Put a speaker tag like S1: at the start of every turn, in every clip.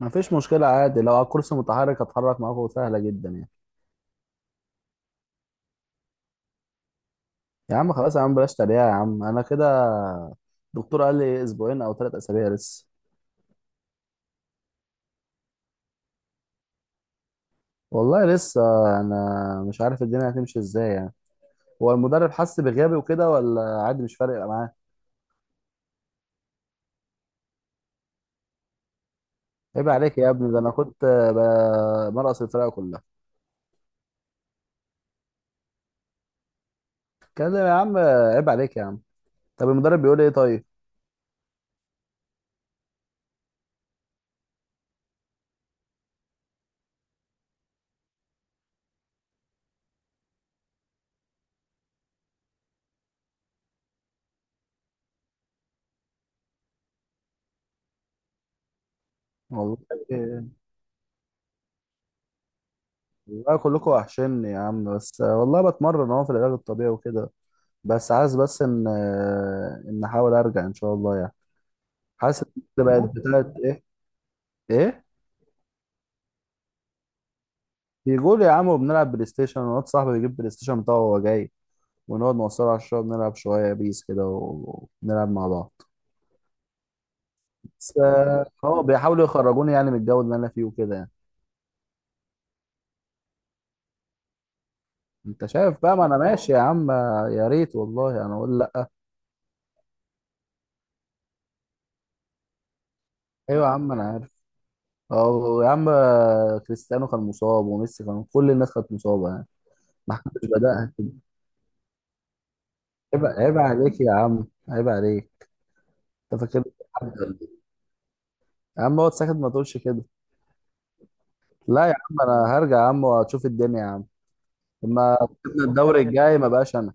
S1: ما فيش مشكلة، عادي، لو على الكرسي متحرك هتحرك معاكم، سهلة جدا يعني. يا عم خلاص، يا عم بلاش تريقة، يا عم أنا كده. الدكتور قال لي أسبوعين أو 3 أسابيع لسه. والله لسه. أنا مش عارف الدنيا هتمشي إزاي يعني. هو المدرب حس بغيابي وكده، ولا عادي مش فارق معاه؟ عيب عليك يا ابني، ده أنا كنت مرقص الفرقة كلها. كده يا عم، عيب عليك يا عم. طب المدرب بيقول إيه طيب؟ والله. والله كلكم وحشني يا عم، بس والله بتمرن أهو في العلاج الطبيعي وكده. بس عايز بس ان احاول ارجع ان شاء الله يعني. حاسس ان بقت بيجو، بتاعت ايه؟ ايه؟ بيقول يا عم وبنلعب بلاي ستيشن، ونواد صاحبي بيجيب بلاي ستيشن بتاعه وهو جاي، ونقعد نوصله على الشغل، نلعب شويه بيس كده ونلعب مع بعض. بس هو بيحاولوا يخرجوني يعني من الجو اللي انا فيه وكده يعني. انت شايف بقى، ما انا ماشي يا عم. يا ريت، والله انا اقول لا. ايوه يا عم انا عارف. اه يا عم، كريستيانو كان مصاب، وميسي كان، كل الناس كانت مصابه يعني. ما حدش بدأها. عيب، عيب عليك يا عم، عيب عليك. انت فاكر حد ولا إيه؟ يا عم اقعد ساكت ما تقولش كده. لا يا عم، انا هرجع يا عم واشوف الدنيا يا عم. لما كسبنا الدوري الجاي ما بقاش انا.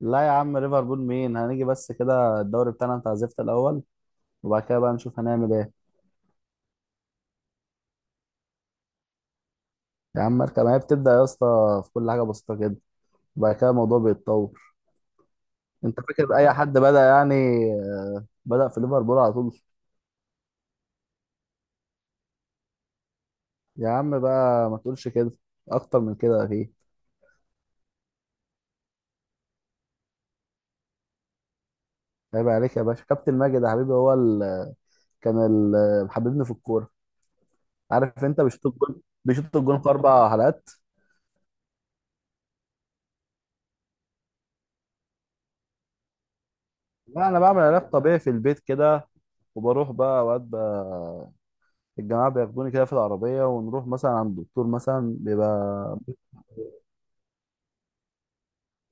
S1: لا يا عم، ليفربول مين؟ هنيجي بس كده الدوري بتاعنا، انت عزفت الاول، وبعد كده بقى نشوف هنعمل ايه. يا عم اركب، ما هي بتبدا يا اسطى في كل حاجه بسيطه كده، وبعد كده الموضوع بيتطور. انت فاكر اي حد بدا يعني؟ بدا في ليفربول على طول؟ يا عم بقى ما تقولش كده، اكتر من كده اكيد. عيب عليك يا باشا، كابتن ماجد يا حبيبي هو كان حبيبني في الكوره. عارف انت، بيشوط الجون، بيشوط الجون في 4 حلقات. لا انا بعمل علاج طبيعي في البيت كده، وبروح بقى اوقات بقى، الجماعه بياخدوني كده في العربيه، ونروح مثلا عند الدكتور مثلا بيبقى،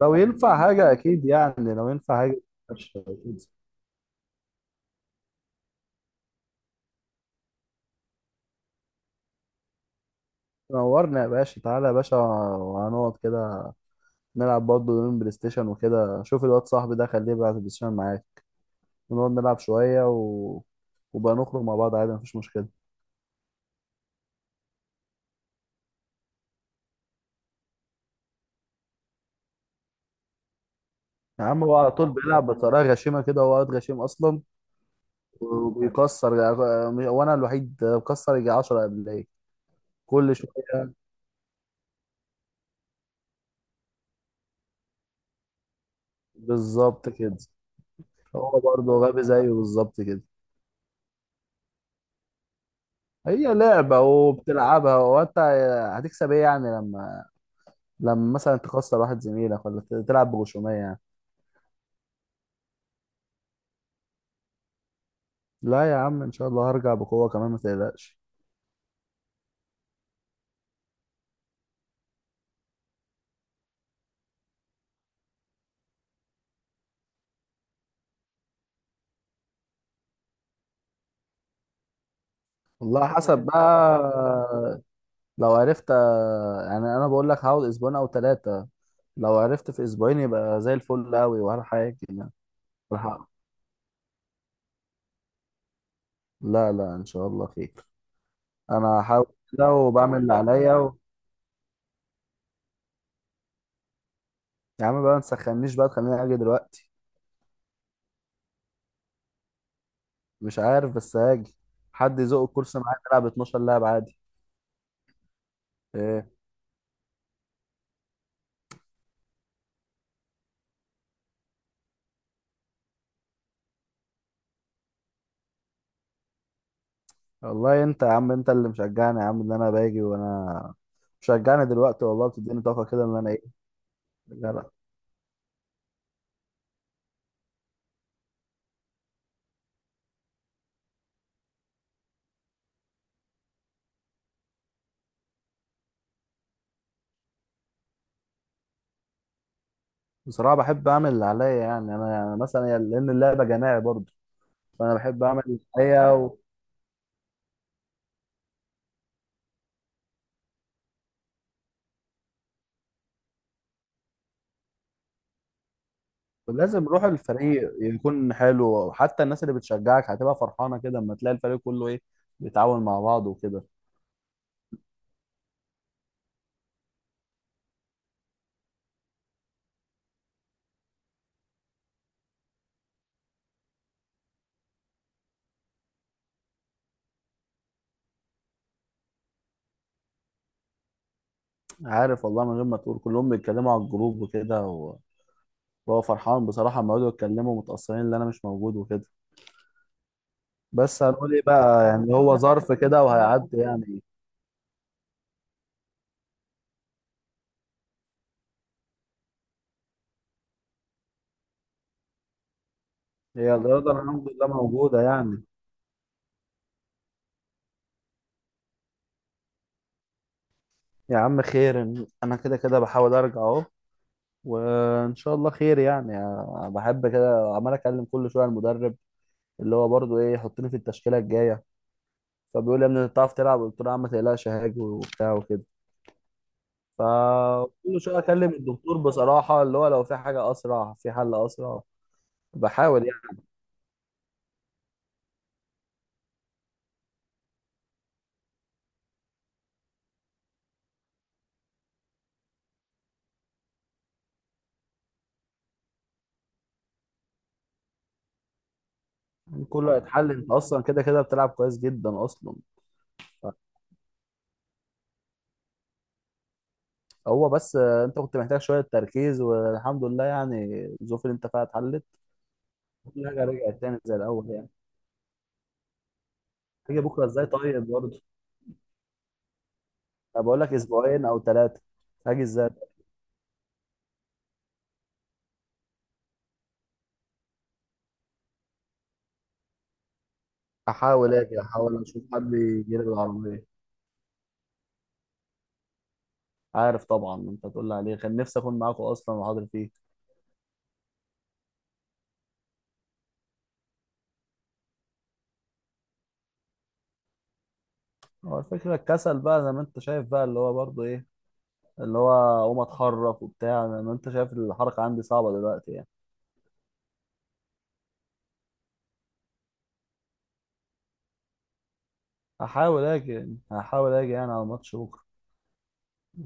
S1: لو ينفع حاجه اكيد يعني، لو ينفع حاجه. ماشي أكيد. نورنا يا باشا، تعالى يا باشا وهنقعد كده، نلعب برضه يومين بلاي ستيشن وكده، شوف الواد صاحبي ده خليه يبقى على البلاي ستيشن معاك، ونقعد نلعب شويه، و... وبقى نخرج مع بعض عادي مفيش مشكله. يا عم هو على طول بيلعب بطريقه غشيمه كده، هو واد غشيم اصلا. وبيكسر. وانا الوحيد بكسر، يجي 10 قبليه كل شويه. بالظبط كده. هو برضه غبي زيه بالظبط كده. هي لعبة، وبتلعبها وانت هتكسب ايه يعني، لما، لما مثلا تخسر واحد زميلك، ولا تلعب بغشومية يعني. لا يا عم ان شاء الله هرجع بقوة كمان ما تقلقش. والله حسب بقى، لو عرفت، يعني انا بقول لك هقعد اسبوعين او 3، لو عرفت في اسبوعين يبقى زي الفل قوي ولا حاجة يعني. ولا حاجة. لا، لا، ان شاء الله خير. انا هحاول كده وبعمل اللي عليا. و... يا عم بقى ما تسخنيش بقى تخليني اجي دلوقتي. مش عارف بس هاجي، حد يزق الكرسي معايا نلعب 12 لعب عادي. ايه؟ والله انت يا عم، انت اللي مشجعني يا عم ان انا باجي، وانا مشجعني دلوقتي، والله بتديني طاقه كده ان انا ايه. جدع. بصراحه بحب اعمل اللي عليا يعني، انا يعني مثلا لان اللعبه جماعي برضه، فانا بحب اعمل اللي عليا. و... ولازم روح الفريق يكون حلو، حتى الناس اللي بتشجعك هتبقى فرحانه كده، اما تلاقي الفريق كله ايه، بيتعاون مع بعض وكده. عارف، والله من غير ما تقول كلهم بيتكلموا على الجروب وكده، وهو فرحان بصراحة لما يقعدوا يتكلموا متأثرين إن أنا مش موجود وكده. بس هنقول إيه بقى يعني؟ هو ظرف كده وهيعدي يعني. هي الرياضة الحمد لله موجودة يعني. يا عم خير، أنا كده كده بحاول أرجع أهو، وإن شاء الله خير يعني. أنا بحب كده عمال أكلم كل شوية المدرب، اللي هو برضه إيه، يحطني في التشكيلة الجاية، فبيقول لي يا ابني أنت بتعرف تلعب؟ قلت له يا عم ما تقلقش هاجي وبتاع وكده. فكل شويه اكلم الدكتور بصراحه، اللي هو لو في حاجه اسرع في حل اسرع. بحاول. يعني كله هيتحل، انت اصلا كده كده بتلعب كويس جدا اصلا. هو بس، انت كنت محتاج شويه تركيز، والحمد لله يعني الظروف اللي انت فيها اتحلت، كل حاجه رجعت تاني زي الاول يعني. هاجي بكره ازاي طيب برضه؟ انا بقول لك اسبوعين او 3. هاجي ازاي؟ احاول اجي، احاول اشوف حد يجي لي بالعربيه. عارف طبعا، انت تقول لي عليه، كان نفسي اكون معاكم اصلا وحاضر فيه. هو الفكره الكسل بقى زي ما انت شايف بقى، اللي هو برضه ايه، اللي هو اقوم اتحرك وبتاع، انا، ما انت شايف الحركه عندي صعبه دلوقتي يعني. هحاول اجي يعني على الماتش بكره،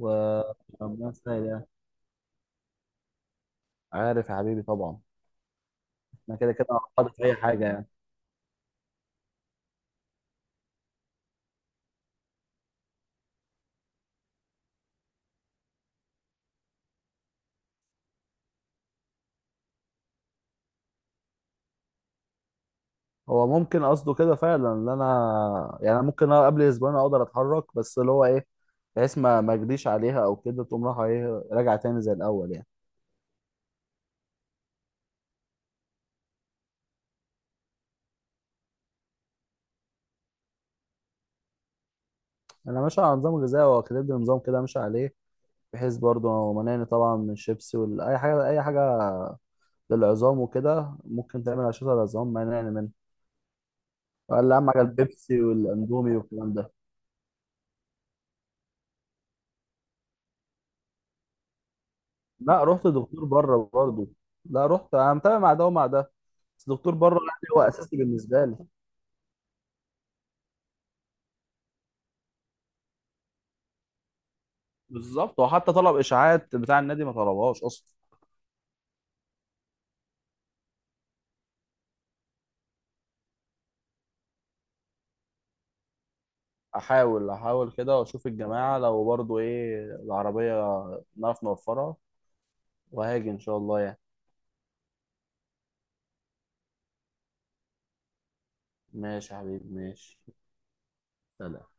S1: و ربنا يسهل يعني. عارف يا حبيبي طبعا. انا كده كده هقعد في اي حاجه يعني. هو ممكن قصده كده فعلا ان انا يعني، ممكن أنا قبل اسبوعين اقدر اتحرك، بس اللي هو ايه، بحيث ما اجريش عليها او كده تقوم رايحه ايه، راجعه تاني زي الاول يعني. انا ماشي على نظام غذائي، واخد نظام كده ماشي عليه، بحيث برضه مانعني طبعا من الشيبسي ولا اي حاجه، اي حاجه للعظام وكده، ممكن تعمل أشعة العظام ما نعمل منها. وقال لي أهم حاجة البيبسي والأندومي والكلام ده. لا رحت دكتور بره برضه. لا، رحت، أنا متابع مع ده ومع ده، بس دكتور بره يعني هو أساسي بالنسبة لي. بالظبط، وحتى طلب إشاعات بتاع النادي ما طلبهاش أصلا. أحاول، أحاول كده وأشوف الجماعة لو برضه إيه العربية نعرف نوفرها، وهاجي إن شاء الله يعني. ماشي يا حبيبي، ماشي. سلام.